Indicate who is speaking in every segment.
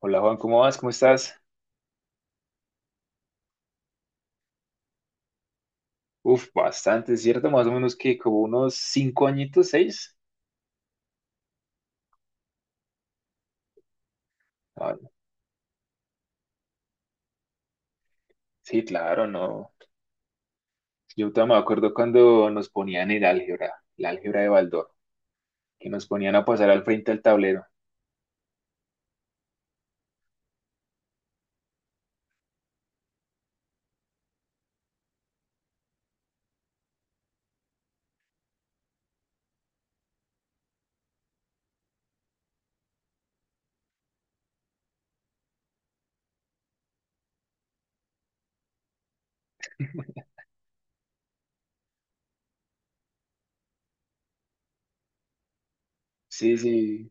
Speaker 1: Hola Juan, ¿cómo vas? ¿Cómo estás? Uf, bastante, ¿cierto? Más o menos que como unos 5 añitos, 6. Ah, sí, claro, no. Yo todavía me acuerdo cuando nos ponían el álgebra, la álgebra de Baldor, que nos ponían a pasar al frente al tablero. Sí, sí,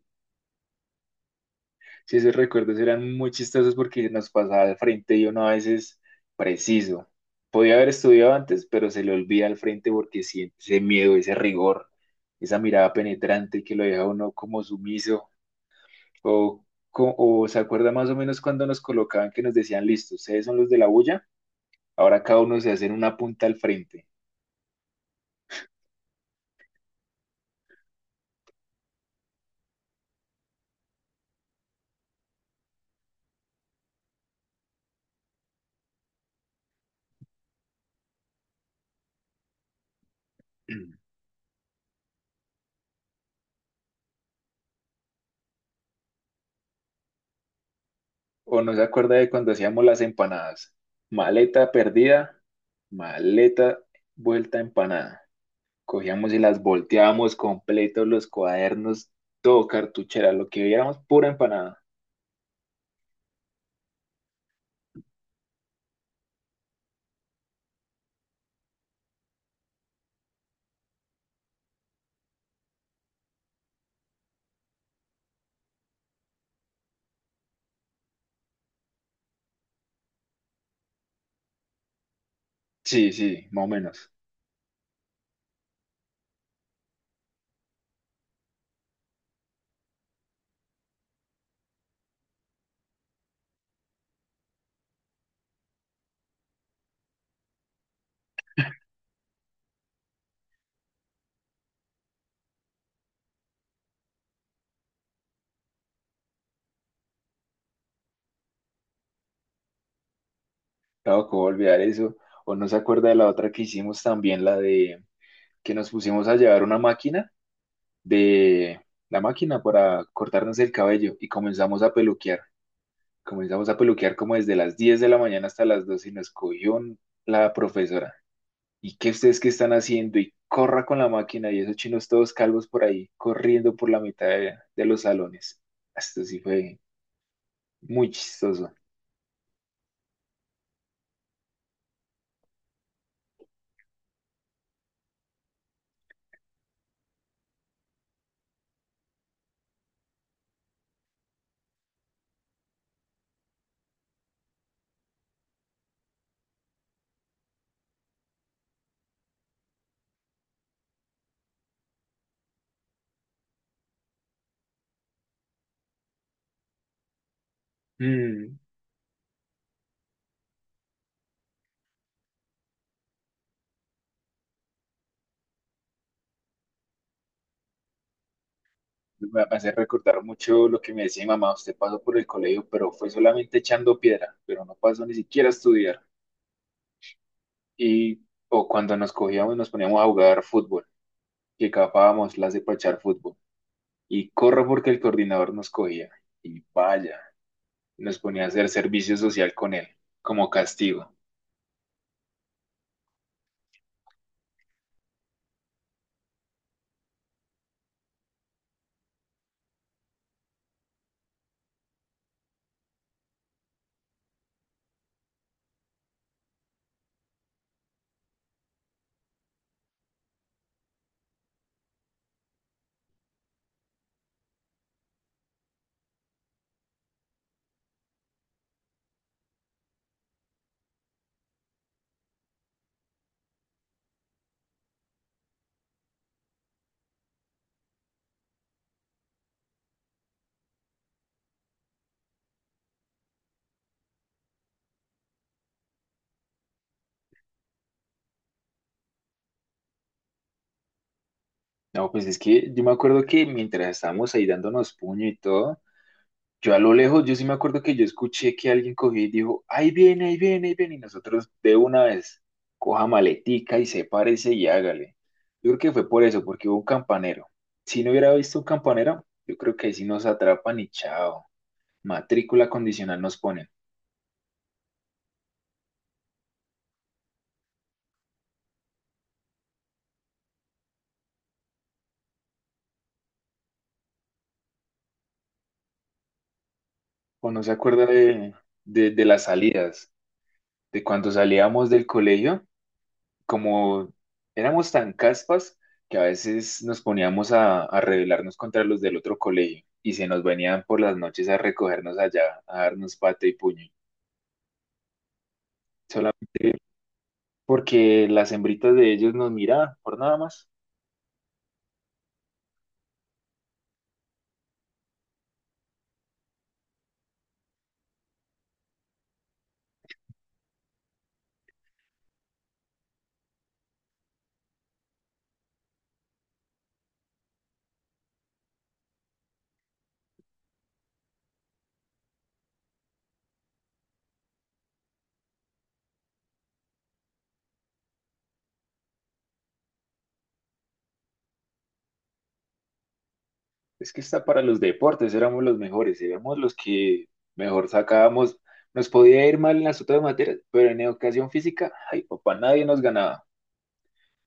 Speaker 1: sí, esos recuerdos eran muy chistosos porque nos pasaba al frente y uno a veces preciso. Podía haber estudiado antes, pero se le olvida al frente porque siente ese miedo, ese rigor, esa mirada penetrante que lo deja a uno como sumiso. O, o se acuerda más o menos cuando nos colocaban que nos decían, listo, ustedes son los de la bulla, ahora cada uno se hace en una punta al frente. O no se acuerda de cuando hacíamos las empanadas. Maleta perdida, maleta vuelta empanada. Cogíamos y las volteábamos completos, los cuadernos, todo cartuchera, lo que viéramos, pura empanada. Sí, sí, más o menos. Claro, ¿cómo olvidar eso? O no se acuerda de la otra que hicimos también, la de que nos pusimos a llevar una máquina de la máquina para cortarnos el cabello y comenzamos a peluquear. Comenzamos a peluquear como desde las 10 de la mañana hasta las 2 y nos cogió la profesora. ¿Y qué ustedes qué están haciendo? Y corra con la máquina y esos chinos todos calvos por ahí, corriendo por la mitad de los salones. Esto sí fue muy chistoso. Mm, Me hace recordar mucho lo que me decía mi mamá, usted pasó por el colegio, pero fue solamente echando piedra, pero no pasó ni siquiera a estudiar. Y o cuando nos cogíamos, nos poníamos a jugar fútbol, que capábamos las de pachar fútbol. Y corro porque el coordinador nos cogía. Y vaya, nos ponía a hacer servicio social con él, como castigo. No, pues es que yo me acuerdo que mientras estábamos ahí dándonos puño y todo, yo a lo lejos, yo sí me acuerdo que yo escuché que alguien cogió y dijo, ahí viene, ahí viene, ahí viene, y nosotros de una vez, coja maletica y sepárese y hágale. Yo creo que fue por eso, porque hubo un campanero. Si no hubiera visto un campanero, yo creo que ahí sí nos atrapan y chao, matrícula condicional nos ponen. O no se acuerda de, de las salidas, de cuando salíamos del colegio como éramos tan caspas que a veces nos poníamos a rebelarnos contra los del otro colegio y se nos venían por las noches a recogernos allá, a darnos pata y puño, solamente porque las hembritas de ellos nos miraban, por nada más. Es que está para los deportes, éramos los mejores, éramos los que mejor sacábamos. Nos podía ir mal en las otras materias, pero en educación física, ay papá, nadie nos ganaba.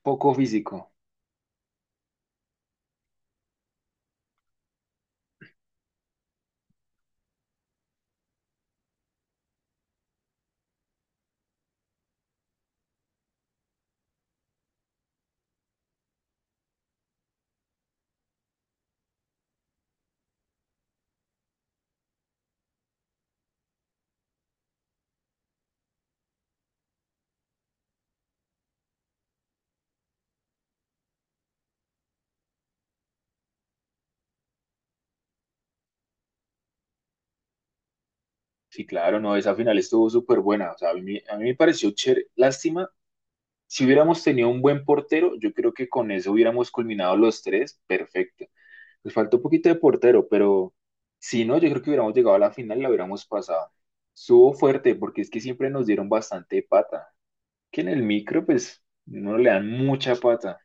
Speaker 1: Poco físico. Sí, claro, no, esa final estuvo súper buena. O sea, a mí me pareció chévere. Lástima. Si hubiéramos tenido un buen portero, yo creo que con eso hubiéramos culminado los tres, perfecto. Nos faltó un poquito de portero, pero si no, yo creo que hubiéramos llegado a la final y la hubiéramos pasado. Estuvo fuerte porque es que siempre nos dieron bastante pata. Que en el micro, pues, no le dan mucha pata,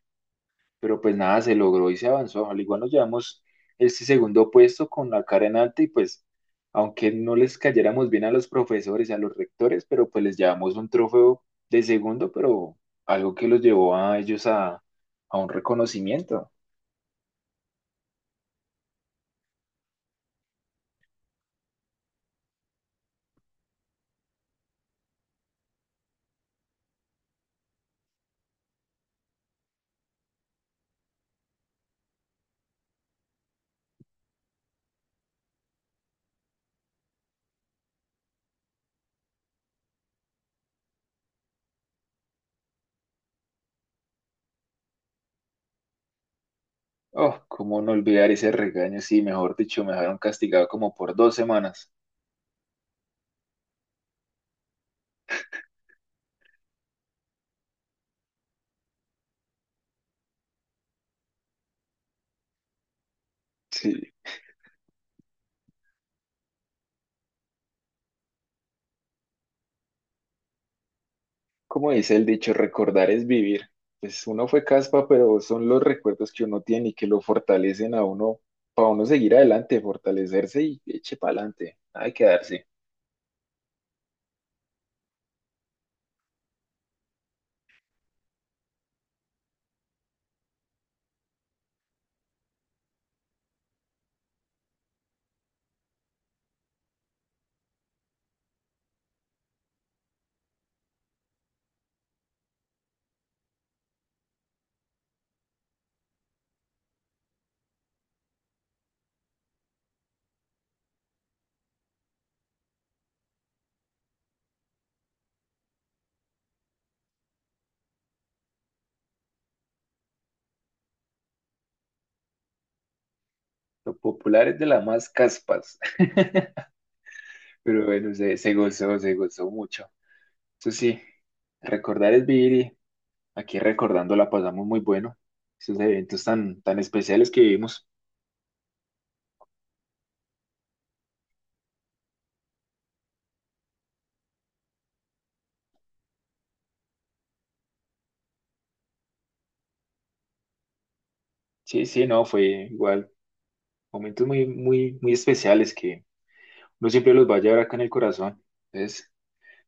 Speaker 1: pero pues nada, se logró y se avanzó. Al igual nos llevamos este segundo puesto con la cara en alta y pues, aunque no les cayéramos bien a los profesores, a los rectores, pero pues les llevamos un trofeo de segundo, pero algo que los llevó a ellos a un reconocimiento. Oh, cómo no olvidar ese regaño, sí, mejor dicho, me dejaron castigado como por 2 semanas. Sí. Como dice el dicho, recordar es vivir. Pues uno fue caspa, pero son los recuerdos que uno tiene y que lo fortalecen a uno, para uno seguir adelante, fortalecerse y eche para adelante, nada de quedarse. Lo popular es de las más caspas, pero bueno, se gozó, se gozó mucho. Eso sí, recordar es vivir y aquí recordando la pasamos muy bueno. Esos eventos tan, tan especiales que vivimos. Sí, sí, no, fue igual. Momentos muy, muy, muy especiales que uno siempre los va a llevar acá en el corazón. Entonces,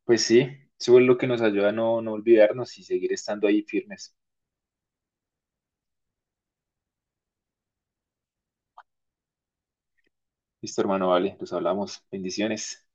Speaker 1: pues sí, eso es lo que nos ayuda a no, no olvidarnos y seguir estando ahí firmes. Listo, hermano, vale, nos hablamos. Bendiciones.